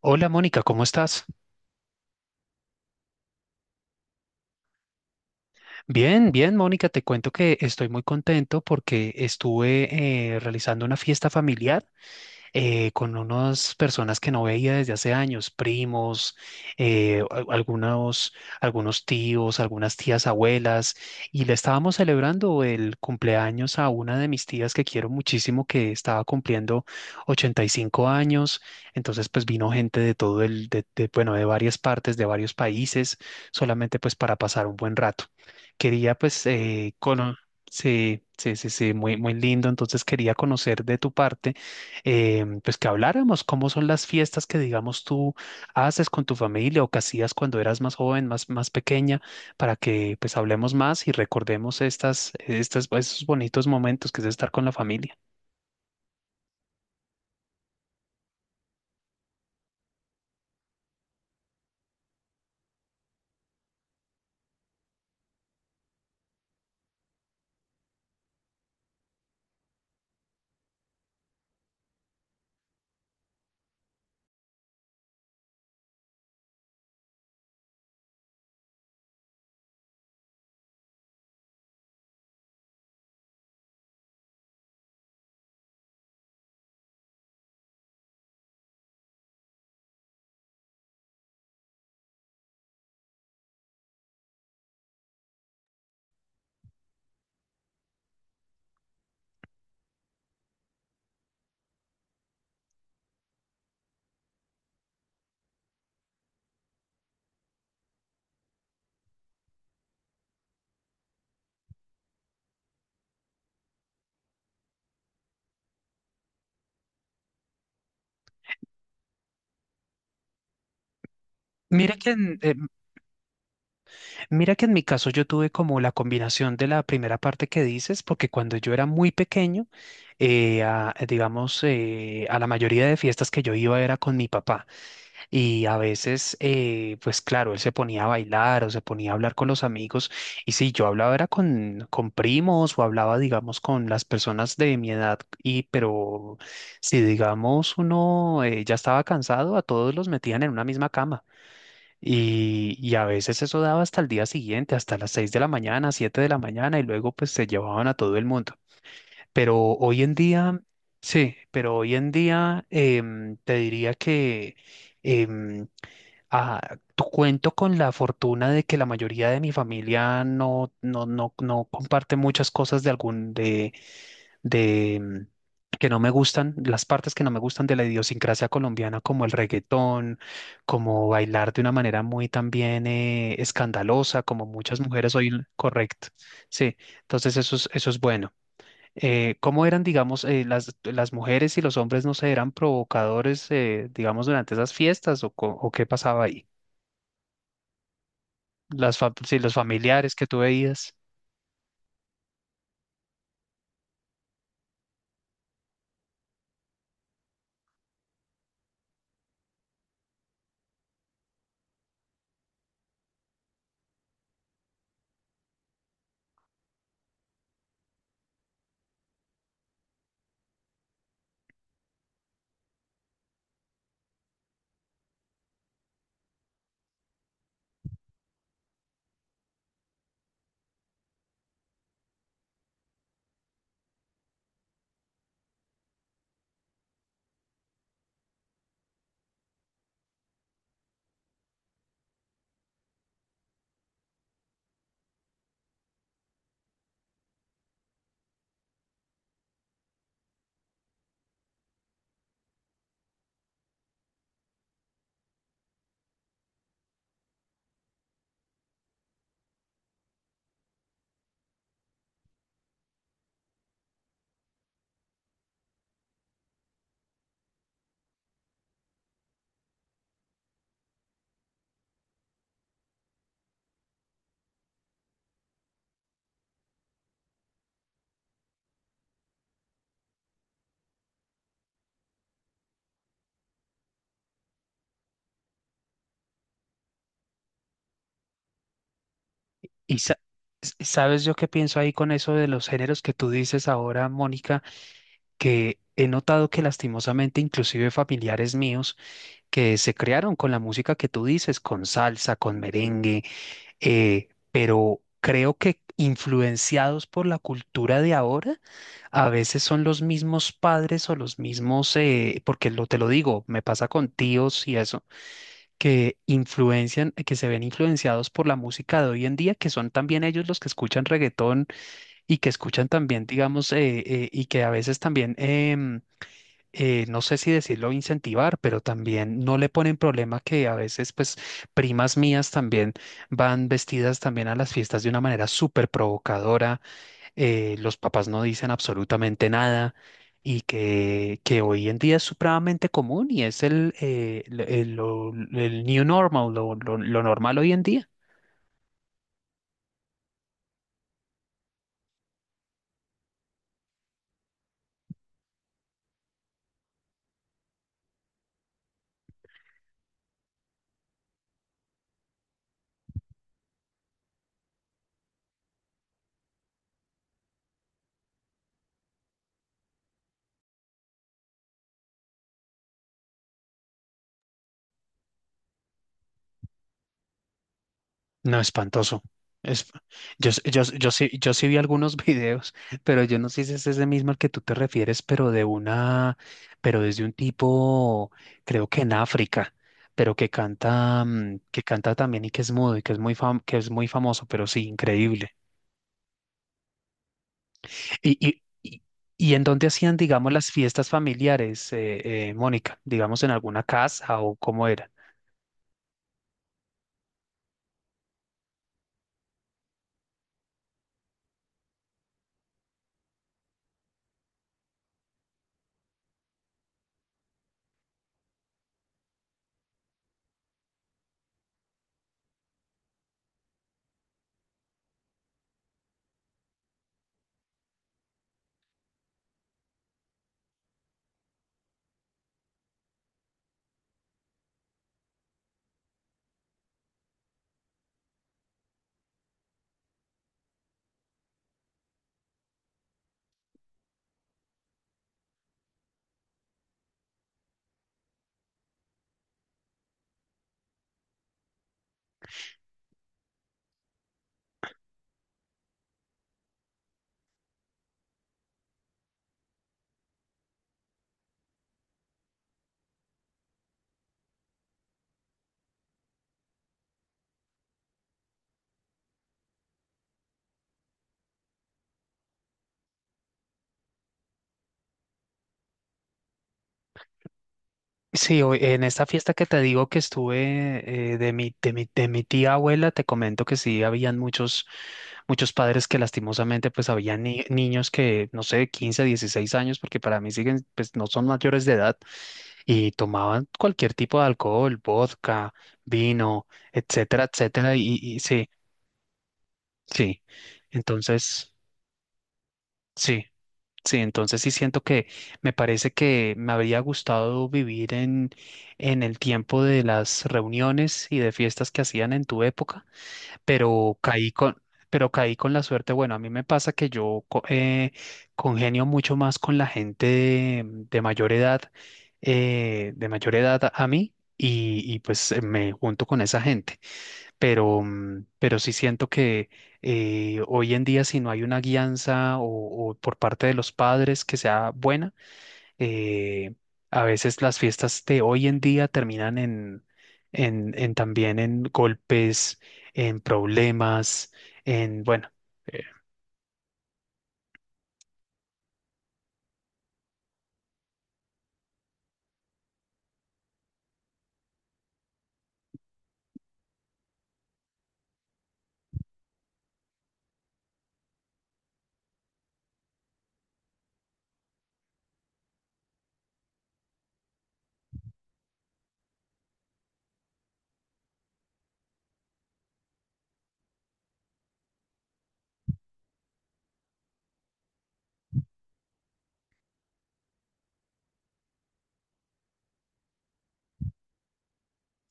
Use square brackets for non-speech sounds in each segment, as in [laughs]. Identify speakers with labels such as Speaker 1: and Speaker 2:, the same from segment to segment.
Speaker 1: Hola Mónica, ¿cómo estás? Bien, bien Mónica, te cuento que estoy muy contento porque estuve realizando una fiesta familiar. Con unas personas que no veía desde hace años, primos, eh, a- algunos, algunos tíos, algunas tías abuelas, y le estábamos celebrando el cumpleaños a una de mis tías que quiero muchísimo, que estaba cumpliendo 85 años. Entonces pues vino gente de todo el, bueno, de varias partes, de varios países, solamente pues para pasar un buen rato. Quería pues. Sí, sí, sí, sí, muy, muy lindo. Entonces quería conocer de tu parte, pues que habláramos cómo son las fiestas que, digamos, tú haces con tu familia o que hacías cuando eras más joven, más, más pequeña, para que pues hablemos más y recordemos pues, esos bonitos momentos que es estar con la familia. Mira que, en, eh, mira que en mi caso yo tuve como la combinación de la primera parte que dices, porque cuando yo era muy pequeño, digamos, a la mayoría de fiestas que yo iba era con mi papá. Y a veces, pues claro, él se ponía a bailar o se ponía a hablar con los amigos. Y si yo hablaba era con primos o hablaba, digamos, con las personas de mi edad. Y pero si, digamos, uno ya estaba cansado, a todos los metían en una misma cama. Y a veces eso daba hasta el día siguiente, hasta las 6 de la mañana, 7 de la mañana, y luego pues se llevaban a todo el mundo. Pero hoy en día, sí, pero hoy en día, te diría que... em, Ah, cuento con la fortuna de que la mayoría de mi familia no comparte muchas cosas de algún de, que no me gustan, las partes que no me gustan de la idiosincrasia colombiana, como el reggaetón, como bailar de una manera muy también escandalosa, como muchas mujeres hoy, correcto. Sí, entonces eso es bueno. ¿Eh, cómo eran, digamos, las mujeres y los hombres, no sé, eran provocadores, digamos, durante esas fiestas o, o qué pasaba ahí? Sí, los familiares que tú veías. Y sa- sabes yo qué pienso ahí con eso de los géneros que tú dices ahora, Mónica, que he notado que lastimosamente inclusive familiares míos que se crearon con la música que tú dices, con salsa, con merengue, pero creo que influenciados por la cultura de ahora, a veces son los mismos padres o los mismos, porque lo, te lo digo, me pasa con tíos y eso, que influencian, que se ven influenciados por la música de hoy en día, que son también ellos los que escuchan reggaetón y que escuchan también, digamos, y que a veces también, no sé si decirlo incentivar, pero también no le ponen problema que a veces, pues, primas mías también van vestidas también a las fiestas de una manera súper provocadora, los papás no dicen absolutamente nada y que hoy en día es supremamente común y es el, new normal, lo normal hoy en día. No, espantoso. Es, yo sí vi algunos [laughs] videos, pero yo no sé si es ese mismo al que tú te refieres, pero de una, pero desde un tipo, creo que en África, pero que canta también y que es mudo y que es muy fam- que es muy famoso, pero sí, increíble. Y, y, y, y ¿en dónde hacían, digamos, las fiestas familiares, Mónica? Digamos, en alguna casa o cómo era. Sí, en esta fiesta que te digo que estuve, eh, de mi tía abuela, te comento que sí habían muchos, muchos padres que lastimosamente pues habían niños que, no sé, 15 16 años, porque para mí siguen, pues no son mayores de edad, y tomaban cualquier tipo de alcohol, vodka, vino, etcétera, etcétera, y sí, sí. Entonces, sí. Sí, entonces sí siento que me parece que me habría gustado vivir en, el tiempo de las reuniones y de fiestas que hacían en tu época, pero caí con, pero caí con la suerte. Bueno, a mí me pasa que yo congenio mucho más con la gente de mayor edad, de mayor edad a mí, y pues me junto con esa gente, pero, sí siento que hoy en día si no hay una guianza o por parte de los padres que sea buena, eh, a veces las fiestas de hoy en día terminan en, en también en golpes, en problemas, en, bueno, eh,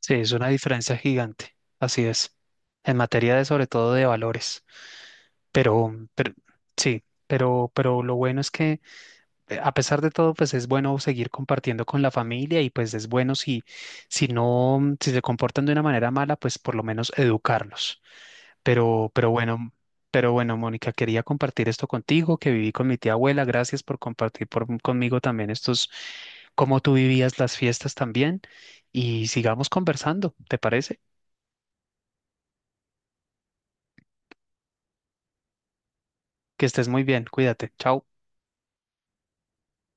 Speaker 1: sí, es una diferencia gigante, así es, en materia de sobre todo de valores, pero sí, pero lo bueno es que, a pesar de todo, pues es bueno seguir compartiendo con la familia, y pues es bueno si, si no, si se comportan de una manera mala, pues por lo menos educarlos. Pero, pero bueno, pero bueno, Mónica, quería compartir esto contigo, que viví con mi tía abuela. Gracias por compartir conmigo también estos, cómo tú vivías las fiestas también. Y sigamos conversando, ¿te parece? Que estés muy bien, cuídate, chao.